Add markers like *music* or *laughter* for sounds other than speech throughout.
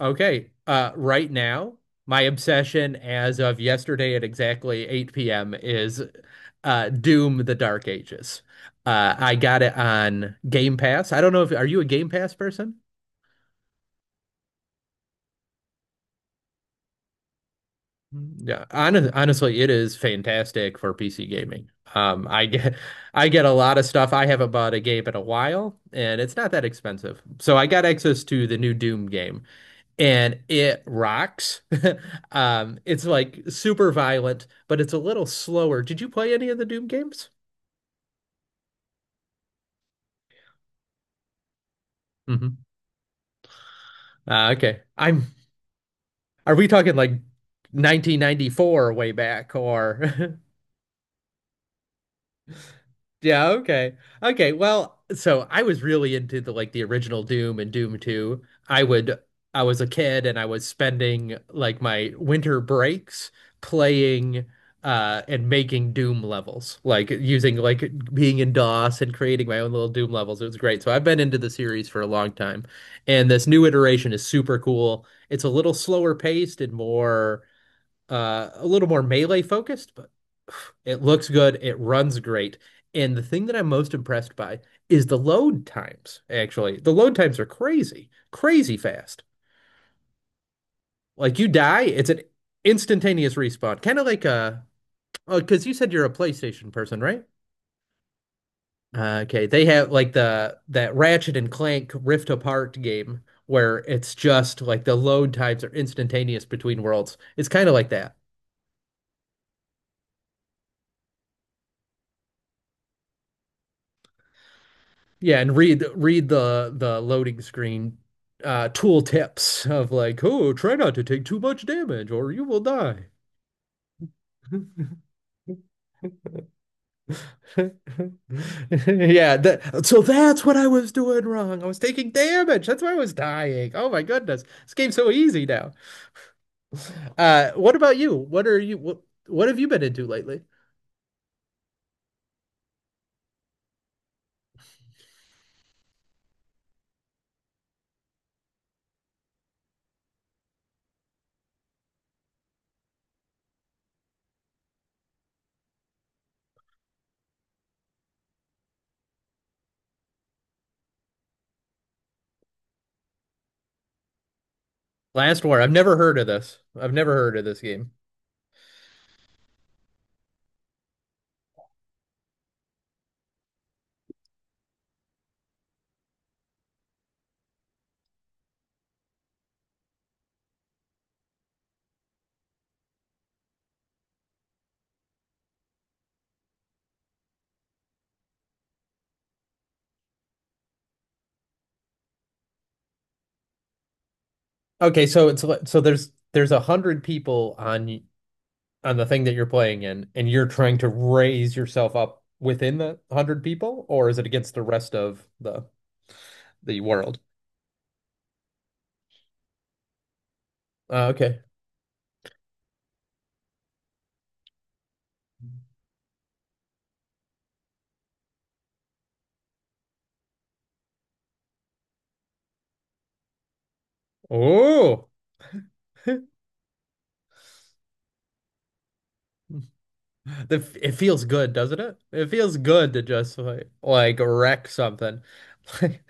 Okay. Right now, my obsession as of yesterday at exactly 8 p.m. is Doom: The Dark Ages. I got it on Game Pass. I don't know if are you a Game Pass person? Yeah, honestly, it is fantastic for PC gaming. Um, I get I get a lot of stuff. I haven't bought a game in a while, and it's not that expensive. So I got access to the new Doom game, and it rocks. *laughs* It's like super violent, but it's a little slower. Did you play any of the Doom games? Hmm. Okay. Are we talking like 1994-way back or *laughs* yeah, okay. Okay, well, so I was really into the like the original Doom and Doom 2. I would I was a kid and I was spending like my winter breaks playing and making Doom levels. Like using like being in DOS and creating my own little Doom levels. It was great. So I've been into the series for a long time. And this new iteration is super cool. It's a little slower paced and more a little more melee focused, but it looks good. It runs great. And the thing that I'm most impressed by is the load times, actually. The load times are crazy, crazy fast. Like you die, it's an instantaneous respawn. Kind of like a, oh, because you said you're a PlayStation person, right? Okay, they have like the that Ratchet and Clank Rift Apart game where it's just like the load times are instantaneous between worlds. It's kind of like that. Yeah, and read the loading screen tool tips of like, oh, try not to take too much damage or you will die. *laughs* Yeah, so that's what I was doing wrong. I was taking damage. That's why I was dying. Oh my goodness. This game's so easy now. What about you? What have you been into lately? Last War. I've never heard of this. I've never heard of this game. Okay, so it's so there's 100 people on the thing that you're playing in and you're trying to raise yourself up within the 100 people or is it against the rest of the world? Okay. Oh. *laughs* The, it feels good, doesn't it? It feels good to just like wreck something. *laughs*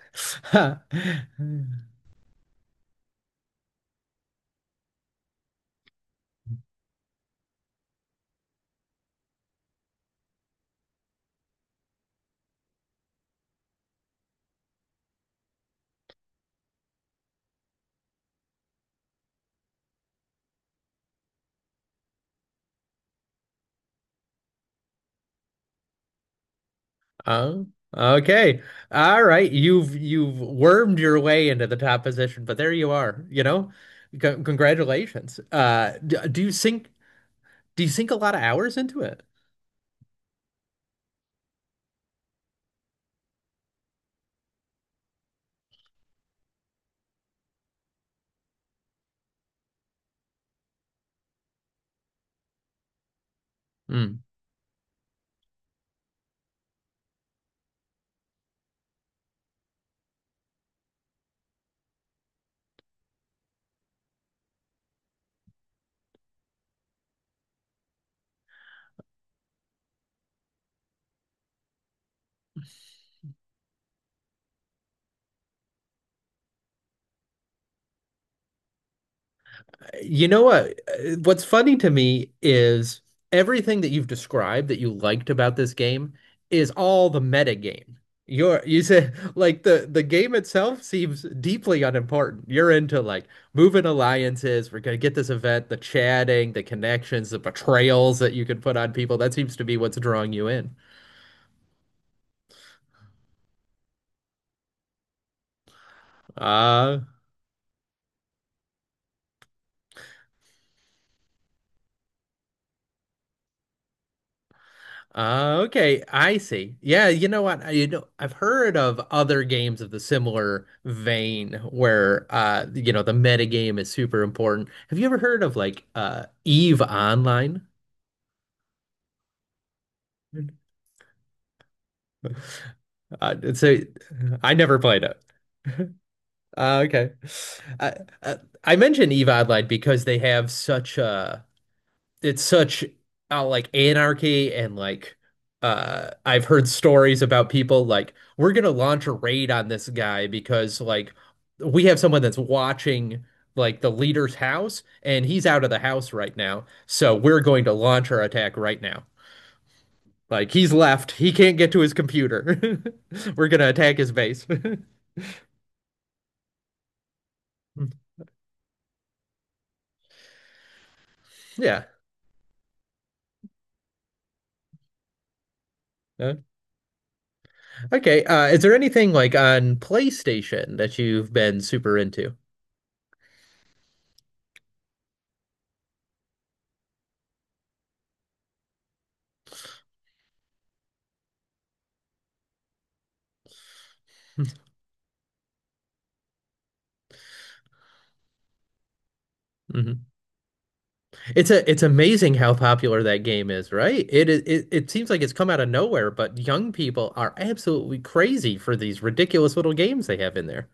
Oh, okay. All right. You've wormed your way into the top position, but there you are, you know? C congratulations. Do you think do you sink a lot of hours into it? Mm. You know what? What's funny to me is everything that you've described that you liked about this game is all the meta game. You said *laughs* like the game itself seems deeply unimportant. You're into like moving alliances. We're gonna get this event, the chatting, the connections, the betrayals that you can put on people. That seems to be what's drawing you in. Uh, okay, I see. Yeah, you know what? You know, I've heard of other games of the similar vein where you know, the meta game is super important. Have you ever heard of like Eve Online? *laughs* So I never played it. Okay. Uh, uh, I mentioned Eve Online because they have such a it's such like anarchy and like I've heard stories about people like we're gonna launch a raid on this guy because like we have someone that's watching like the leader's house and he's out of the house right now, so we're going to launch our attack right now. Like he's left, he can't get to his computer. *laughs* We're gonna attack his base. *laughs* Yeah. Uh, okay, is there anything like on PlayStation that you've been super into? *laughs* Hmm. It's a it's amazing how popular that game is, right? It, it seems like it's come out of nowhere, but young people are absolutely crazy for these ridiculous little games they have in there.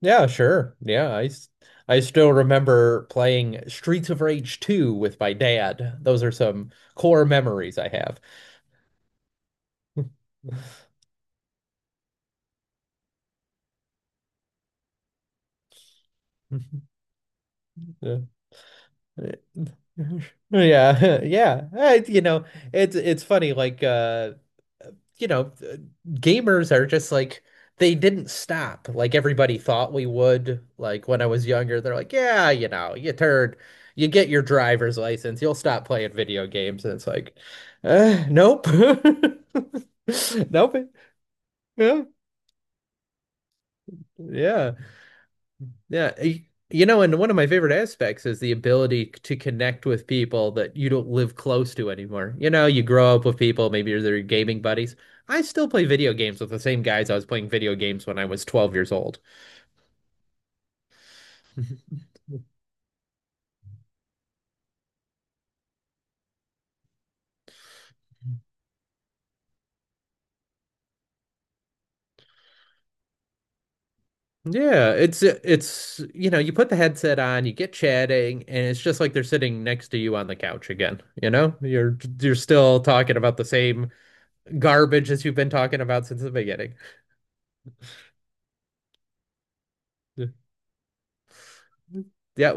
Yeah, sure. I still remember playing Streets of Rage 2 with my dad. Those are some core memories I have. *laughs* Yeah. *laughs* Yeah, *laughs* yeah. You know, it's funny. Like, you know, gamers are just like they didn't stop like everybody thought we would. Like when I was younger, they're like, yeah, you know, you get your driver's license, you'll stop playing video games, and it's like, nope, *laughs* nope, yeah, yeah. Yeah, y- you know, and one of my favorite aspects is the ability to connect with people that you don't live close to anymore. You know, you grow up with people, maybe you're their gaming buddies. I still play video games with the same guys I was playing video games when I was 12 years old. *laughs* Yeah, it's you know, you put the headset on, you get chatting, and it's just like they're sitting next to you on the couch again, you know? You're still talking about the same garbage as you've been talking about since the beginning. Yeah,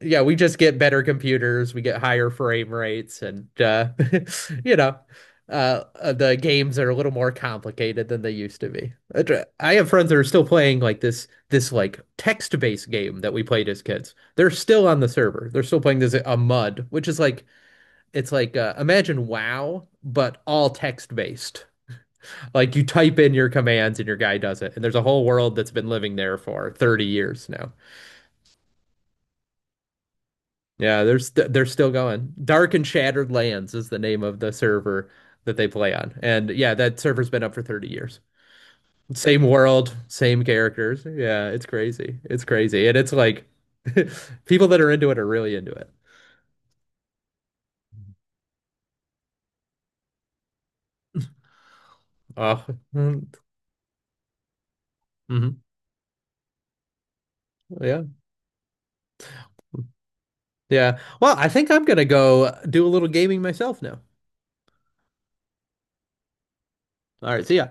yeah, we just get better computers, we get higher frame rates, and *laughs* you know, the games are a little more complicated than they used to be. I have friends that are still playing like this like text-based game that we played as kids. They're still on the server. They're still playing this a MUD, which is like it's like imagine WoW, but all text-based. Like you type in your commands and your guy does it, and there's a whole world that's been living there for 30 years now. Yeah, they're still going. Dark and Shattered Lands is the name of the server that they play on. And yeah, that server's been up for 30 years. Same world, same characters. Yeah, it's crazy. It's crazy. And it's like *laughs* people that are into it are really into it. Oh, mm-hmm. Yeah. Yeah. Well, I think I'm gonna go do a little gaming myself now. All right, see ya.